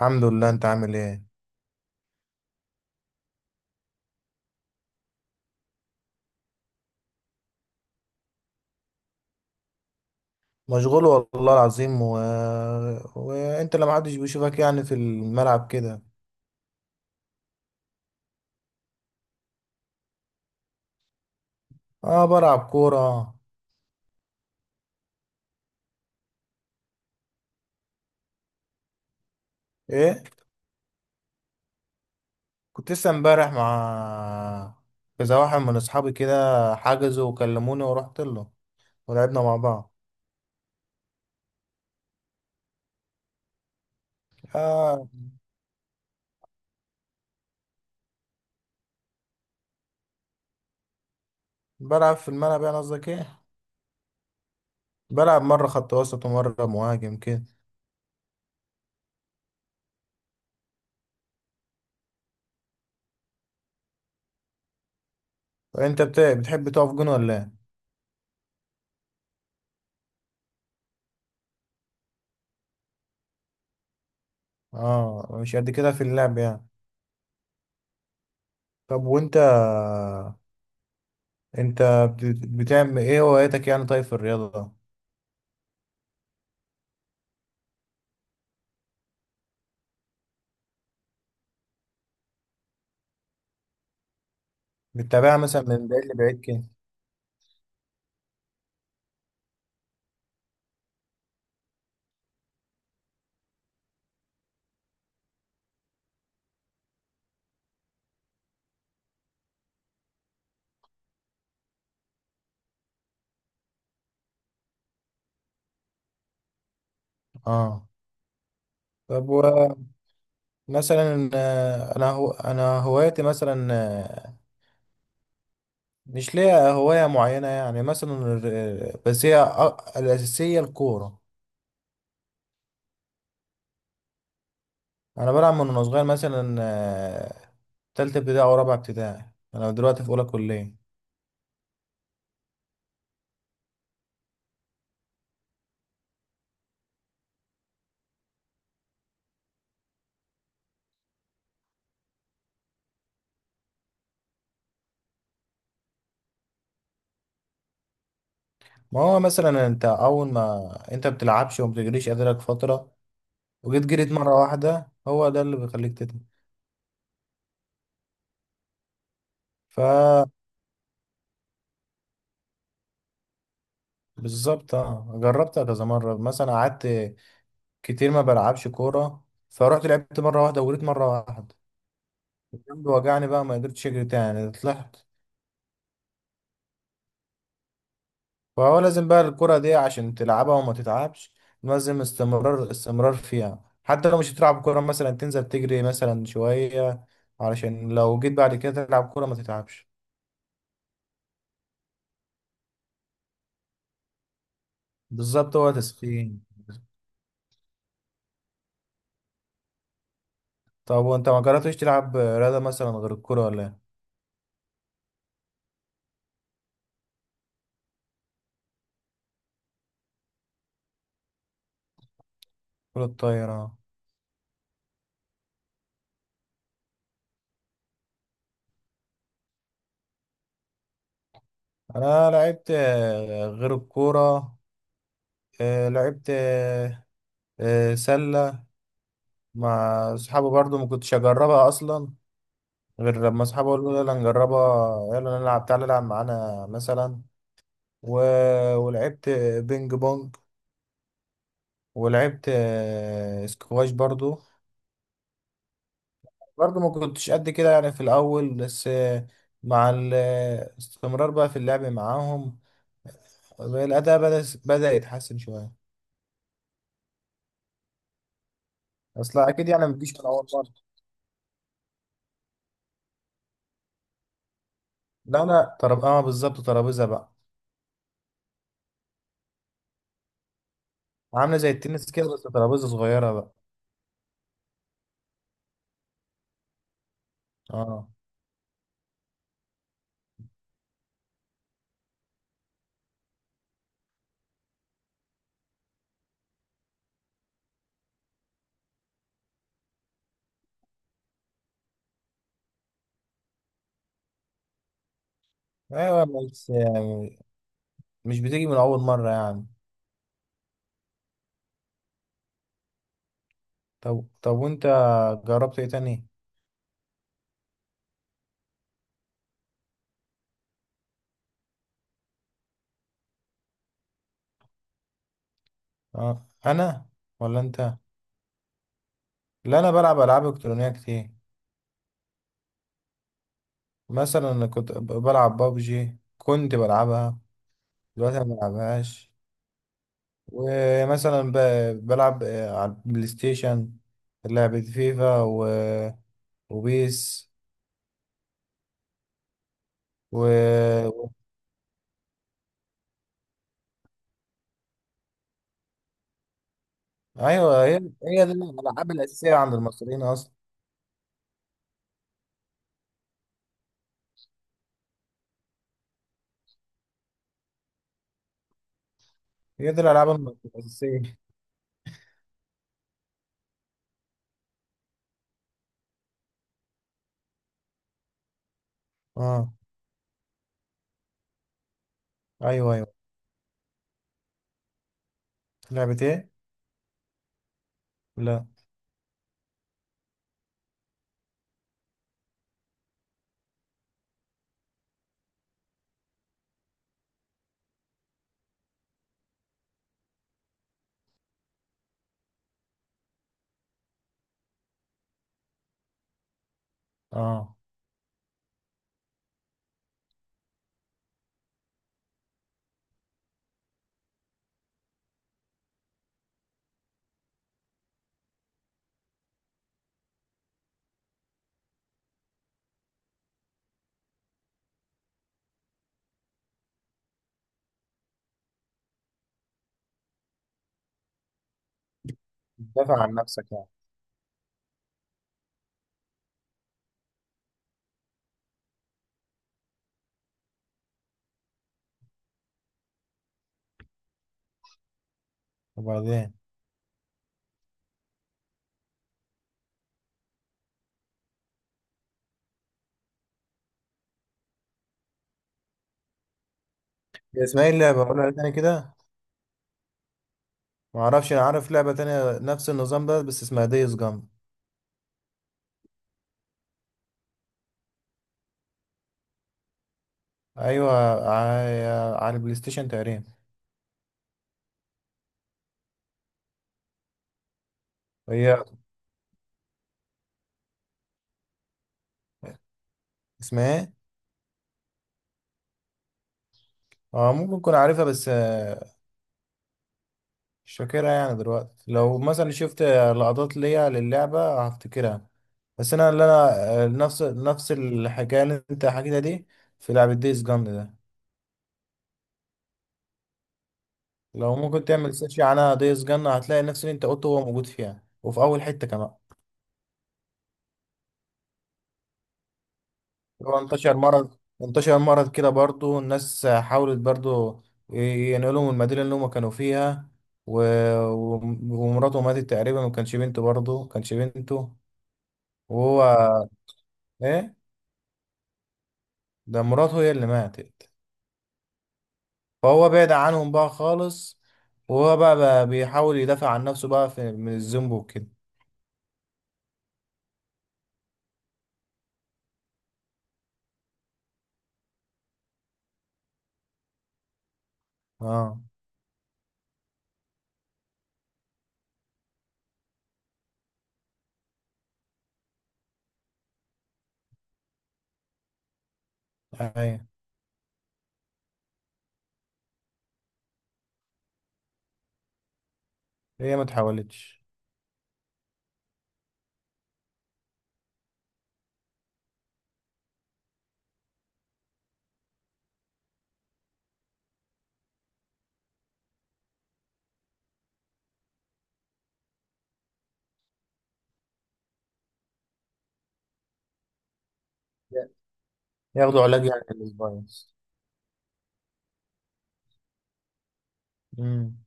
الحمد لله. انت عامل ايه؟ مشغول والله العظيم. وانت لما حدش بيشوفك يعني في الملعب كده؟ اه، بلعب كورة. ايه؟ كنت لسه امبارح مع كذا واحد من اصحابي كده، حجزوا وكلموني ورحت له، ولعبنا مع بعض. اه، بلعب في الملعب. يعني قصدك ايه؟ بلعب مرة خط وسط ومرة مهاجم كده. انت بتحب تقف جون ولا ايه؟ اه، مش قد كده في اللعب يعني. طب وانت، انت بتعمل ايه هواياتك يعني، طيب في الرياضة؟ بتتابعها مثلا من بعيد لبعيد كده؟ اه. طب، ومثلا انا هواياتي مثلا، مش ليا هواية معينة يعني، مثلا بس هي الأساسية الكورة. انا بلعب من وانا صغير، مثلا، تالتة ابتدائي او رابعة ابتدائي. انا دلوقتي في اولى كلية. ما هو مثلا، انت اول ما انت بتلعبش وما بتجريش قادرك فترة، وجيت جريت مرة واحدة، هو ده اللي بيخليك تتعب. ف بالظبط، اه جربتها كذا مرة. مثلا قعدت كتير ما بلعبش كورة، فرحت لعبت مرة واحدة وجريت مرة واحدة، الجنب وجعني بقى، ما قدرتش اجري تاني، طلعت. فهو لازم بقى الكرة دي عشان تلعبها وما تتعبش، لازم استمرار استمرار فيها، حتى لو مش هتلعب كورة. مثلا تنزل تجري مثلا شوية، علشان لو جيت بعد كده تلعب كورة ما تتعبش. بالظبط، هو تسخين. طب وانت ما جربتش تلعب رياضة مثلا غير الكورة ولا ايه؟ كرة الطايرة. انا لعبت غير الكورة، لعبت سلة مع صحابي. برضو ما كنتش اجربها اصلا، غير لما اصحابي قالوا يلا نجربها، يلا نلعب، تعالى العب معانا مثلا. و... ولعبت بينج بونج. ولعبت سكواش برضو. برضو ما كنتش قد كده يعني في الاول، بس، مع الاستمرار بقى في اللعب معاهم الاداء بدأ يتحسن شوية. اصلا اكيد يعني ما بتجيش من اول مرة. لا، لا، طرب اه بالظبط، ترابيزة بقى. عامله زي التنس كده، بس ترابيزه صغيره بقى. اه، ايوه بس يعني مش بتيجي من اول مره يعني. طب طب، وانت جربت ايه تاني؟ اه انا. ولا انت؟ لا، انا بلعب العاب الكترونيه كتير. مثلا أنا كنت بلعب بابجي، كنت بلعبها. دلوقتي ما بلعبهاش. ومثلا بلعب على البلاي ستيشن لعبة فيفا وبيس و... ايوه، هي دي الالعاب الاساسيه عند المصريين اصلا. هي دي الألعاب الأساسية. اه، أيوه أيوه، لعبة إيه؟ لا. اه، دافع عن نفسك يعني. وبعدين هي اسمها إيه اللعبة؟ قولها تاني كده. معرفش، أنا عارف لعبة تانية نفس النظام ده بس اسمها دايس جام. أيوه، على البلاي ستيشن تقريبا. هي اسمها إيه؟ اه، ممكن أكون عارفها بس، مش فاكرها يعني دلوقتي. لو مثلا شفت لقطات ليا للعبة هفتكرها. بس أنا، اللي أنا آه، نفس الحكاية اللي أنت حكيتها دي، في لعبة دايس جام ده. لو ممكن تعمل سيرش عنها، ديس جنة، هتلاقي نفس اللي انت قلته هو موجود فيها، وفي اول حتة كمان. هو انتشر مرض كده، برضو الناس حاولت برضو ينقلوا من المدينة اللي هم كانوا فيها. و... ومراته ماتت تقريبا، ما كانش بنته، برضو ما كانش بنته. وهو، ايه ده، مراته هي اللي ماتت. فهو بعد عنهم بقى خالص. وهو بقى بيحاول يدافع عن نفسه بقى من الذنب وكده. اه، ايوه، هي ما تحاولتش. ياخدوا علاج يعني الاسبايس. امم.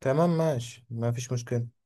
تمام ماشي، ما فيش مشكلة.